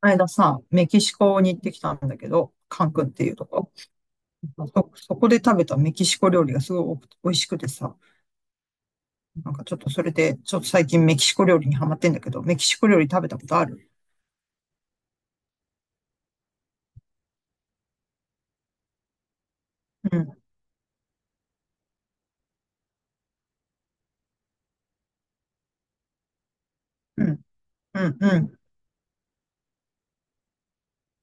間さ、メキシコに行ってきたんだけど、カンクンっていうとこ。そこで食べたメキシコ料理がすごい美味しくてさ、なんかちょっとそれで、ちょっと最近メキシコ料理にハマってんだけど、メキシコ料理食べたことある？うん、うん、うん、うん。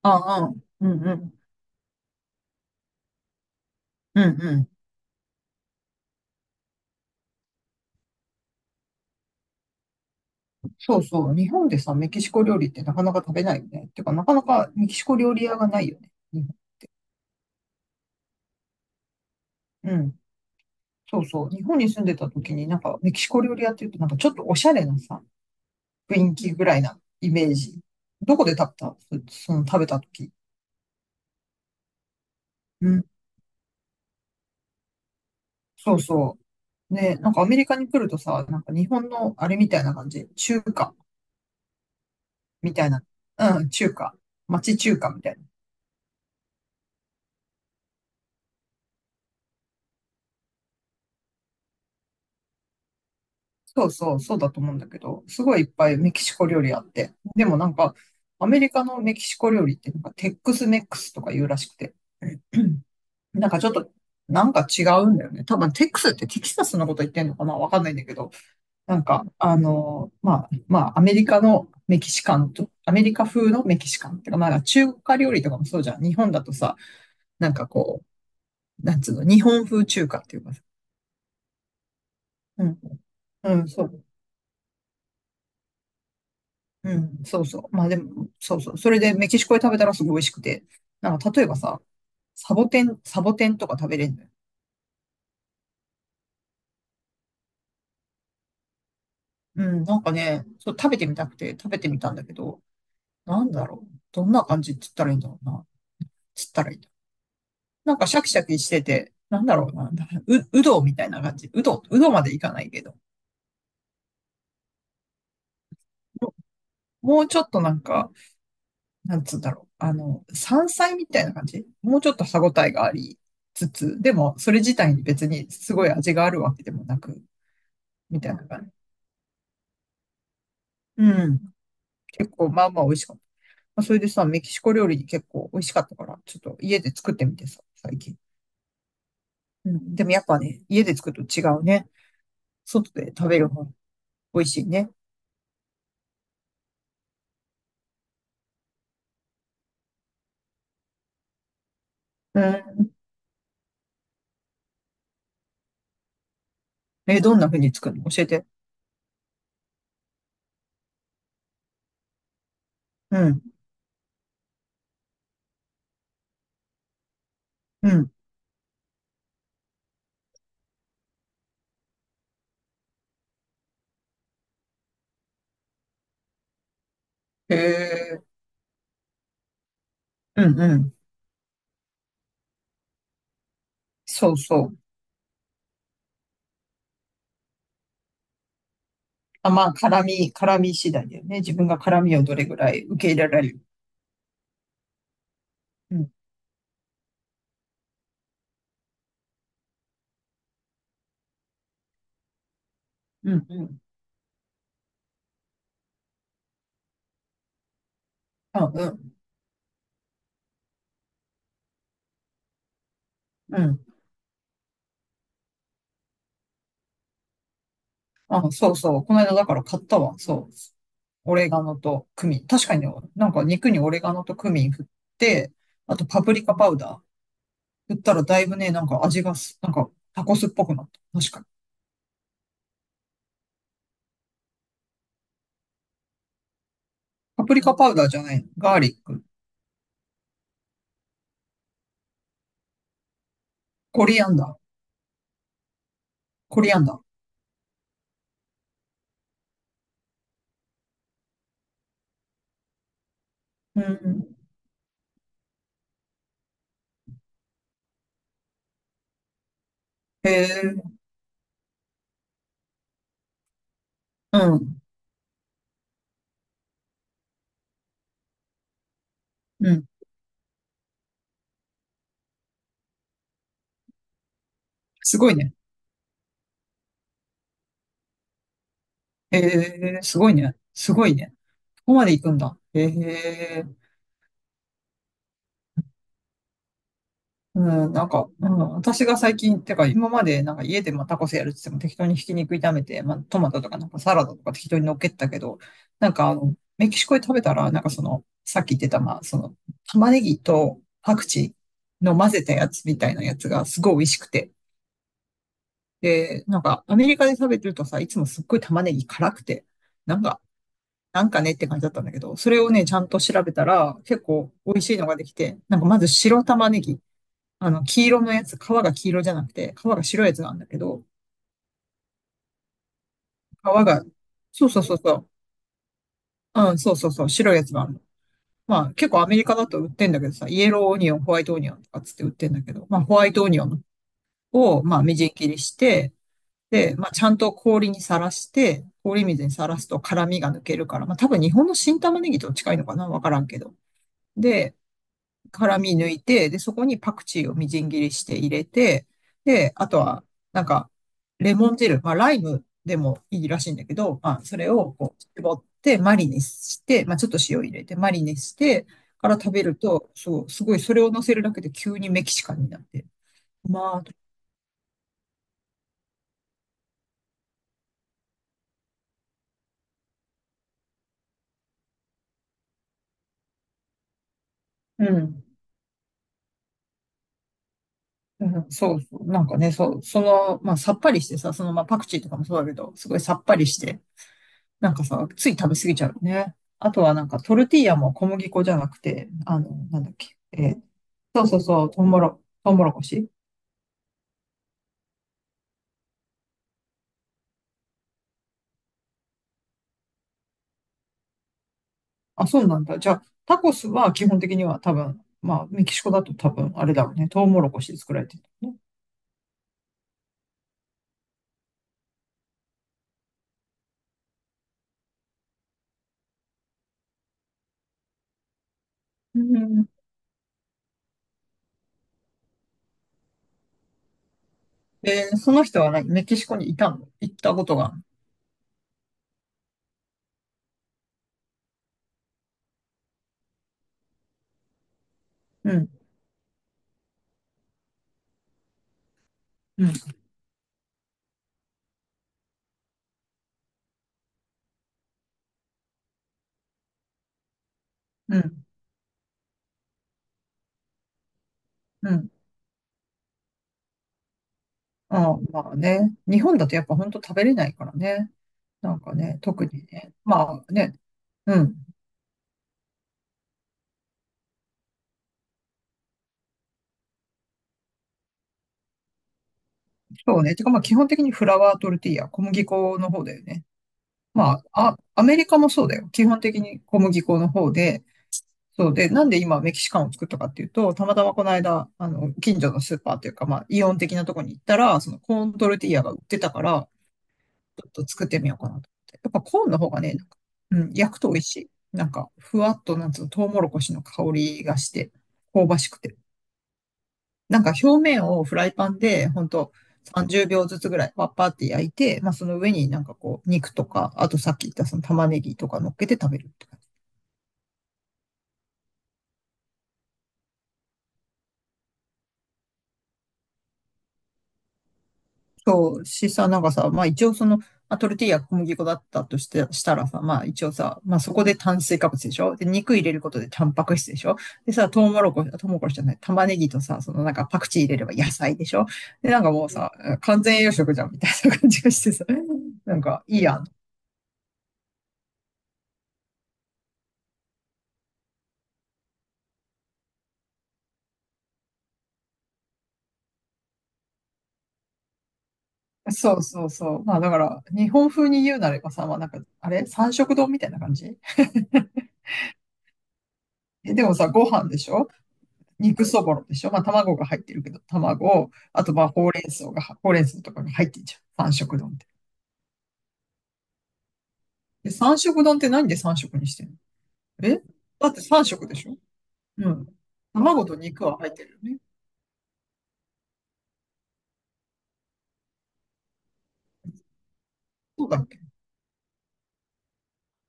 ああ、うん、うん、うん、うん。そうそう。日本でさ、メキシコ料理ってなかなか食べないよね。てか、なかなかメキシコ料理屋がないよね、日本。うん。そうそう。日本に住んでた時になんかメキシコ料理屋っていうとなんかちょっとおしゃれなさ、雰囲気ぐらいなイメージ。どこで食べた？その食べた時。うん。そうそう。ね、なんかアメリカに来るとさ、なんか日本のあれみたいな感じ。中華みたいな。うん、中華。町中華みたいな。そうそう、そうだと思うんだけど、すごいいっぱいメキシコ料理あって。でもなんか、アメリカのメキシコ料理ってなんかテックスメックスとか言うらしくて。うん。なんかちょっと、なんか違うんだよね。多分テックスってテキサスのこと言ってんのかな、わかんないんだけど。なんか、あの、まあ、アメリカのメキシカンと、アメリカ風のメキシカンっていうか、まあ、中華料理とかもそうじゃん。日本だとさ、なんかこう、なんつうの、日本風中華っていうかさ。うん、うん、そう。うん、そうそう。まあでも、そうそう。それでメキシコで食べたらすごい美味しくて。なんか、例えばさ、サボテン、サボテンとか食べれるのよ。うん、なんかね、そう食べてみたくて食べてみたんだけど、なんだろう。どんな感じって言ったらいいんだろうな。つったらいいんだろう。なんかシャキシャキしてて、なんだろうな、うどみたいな感じ。うどうどまでいかないけど。もうちょっとなんか、なんつうんだろう。あの、山菜みたいな感じ、もうちょっと歯ごたえがありつつ、でもそれ自体に別にすごい味があるわけでもなく、みたいな感じ。うん。結構まあまあ美味しかった。まあ、それでさ、メキシコ料理結構美味しかったから、ちょっと家で作ってみてさ、最近。うん。でもやっぱね、家で作ると違うね。外で食べる方が美味しいね。うん。え、どんな風に作るの？教えて。うん、うん。へえ、うん、うん。そうそう。あ、まあ、絡み次第だよね。自分が絡みをどれぐらい受け入れられる。うん、うん、うん。あ、うん、うん。あ、そうそう。この間だから買ったわ。そう。オレガノとクミン。確かにね、なんか肉にオレガノとクミン振って、あとパプリカパウダー振ったらだいぶね、なんか味がす、なんかタコスっぽくなった。確かに。パプリカパウダーじゃないの？ガーリック。コリアンダー。コリアンダー。うん。へえ。うん。うん。すごいね。へえ、すごいね。すごいね。ここまで行くんだ。へえ、うん、なんか、うん、私が最近、てか今までなんか家でまあタコスやるって言っても適当にひき肉炒めて、まあトマトとかなんかサラダとか適当に乗っけてたけど、なんかあの、メキシコで食べたら、なんかその、さっき言ってた、まあその、玉ねぎとパクチーの混ぜたやつみたいなやつがすごい美味しくて。で、なんかアメリカで食べてるとさ、いつもすっごい玉ねぎ辛くて、なんか、なんかねって感じだったんだけど、それをね、ちゃんと調べたら、結構美味しいのができて、なんかまず白玉ねぎ。あの、黄色のやつ、皮が黄色じゃなくて、皮が白いやつなんだけど、皮が、そうそうそうそう、うん、そうそうそう、白いやつがあるの。まあ、結構アメリカだと売ってんだけどさ、イエローオニオン、ホワイトオニオンとかつって売ってんだけど、まあ、ホワイトオニオンを、まあ、みじん切りして、で、まあ、ちゃんと氷にさらして、氷水にさらすと辛みが抜けるから、まあ、多分日本の新玉ねぎと近いのかな、わからんけど。で、辛み抜いて、で、そこにパクチーをみじん切りして入れて、で、あとは、なんか、レモン汁、まあ、ライムでもいいらしいんだけど、まあ、それをこう、絞ってマリネして、まあ、ちょっと塩入れてマリネしてから食べると、そう、すごい、それを乗せるだけで急にメキシカンになって、まあ、うん。うん、そうそう、なんかね、そう、その、まあ、さっぱりしてさ、その、まあ、パクチーとかもそうだけど、すごいさっぱりして、なんかさ、つい食べ過ぎちゃうよね。あとはなんかトルティーヤも小麦粉じゃなくて、あの、なんだっけ。そうそうそう、トウモロコシ。あ、そうなんだ。じゃあ、タコスは基本的には多分、まあ、メキシコだと多分、あれだろうね。トウモロコシで作られてるね。うん。えー、その人は何、メキシコにいたの？行ったことがあるの？うん、うん、うん、うん。ああ、まあね。日本だとやっぱ本当食べれないからね。なんかね、特にね。まあね、うん。そうね。てか、まあ、基本的にフラワートルティーヤ、小麦粉の方だよね。まあ、あ、アメリカもそうだよ。基本的に小麦粉の方で、そうで、なんで今メキシカンを作ったかっていうと、たまたまこの間、あの、近所のスーパーというか、まあ、イオン的なとこに行ったら、そのコーントルティーヤが売ってたから、ちょっと作ってみようかなと思って。やっぱコーンの方がね、なんか、うん、焼くと美味しい。なんか、ふわっと、なんつうの、トウモロコシの香りがして、香ばしくて。なんか表面をフライパンで、ほんと30秒ずつぐらい、パッパーって焼いて、まあその上になんかこう、肉とか、あとさっき言ったその玉ねぎとか乗っけて食べるって感じ。そう、しさ、なんかさ、まあ一応その、まあ、トルティーヤ小麦粉だったとして、したらさ、まあ一応さ、まあそこで炭水化物でしょ？で、肉入れることでタンパク質でしょ？でさ、トウモロコシじゃない、玉ねぎとさ、そのなんかパクチー入れれば野菜でしょ？で、なんかもうさ、完全栄養食じゃんみたいな感じがしてさ、なんかいいやん。そうそうそう。まあだから、日本風に言うなればさ、まあなんか、あれ三色丼みたいな感じ。え、でもさ、ご飯でしょ？肉そぼろでしょ？まあ卵が入ってるけど、卵、あとまあほうれん草が、ほうれん草とかが入ってんじゃん、三色丼って。で、三色丼って何で三色にしてんの？え、だって三色でしょ？うん。卵と肉は入ってるよね。そうだっけ？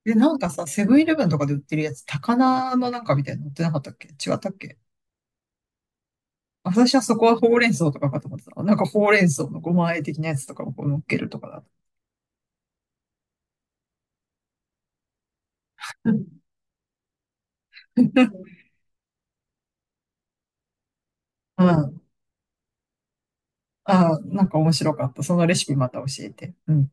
で、なんかさ、セブンイレブンとかで売ってるやつ、高菜のなんかみたいなの売ってなかったっけ？違ったっけ？私はそこはほうれん草とかかと思ってた。なんかほうれん草のごま和え的なやつとかをこう乗っけるとかだと。うん。ああ、なんか面白かった。そのレシピまた教えて。うん。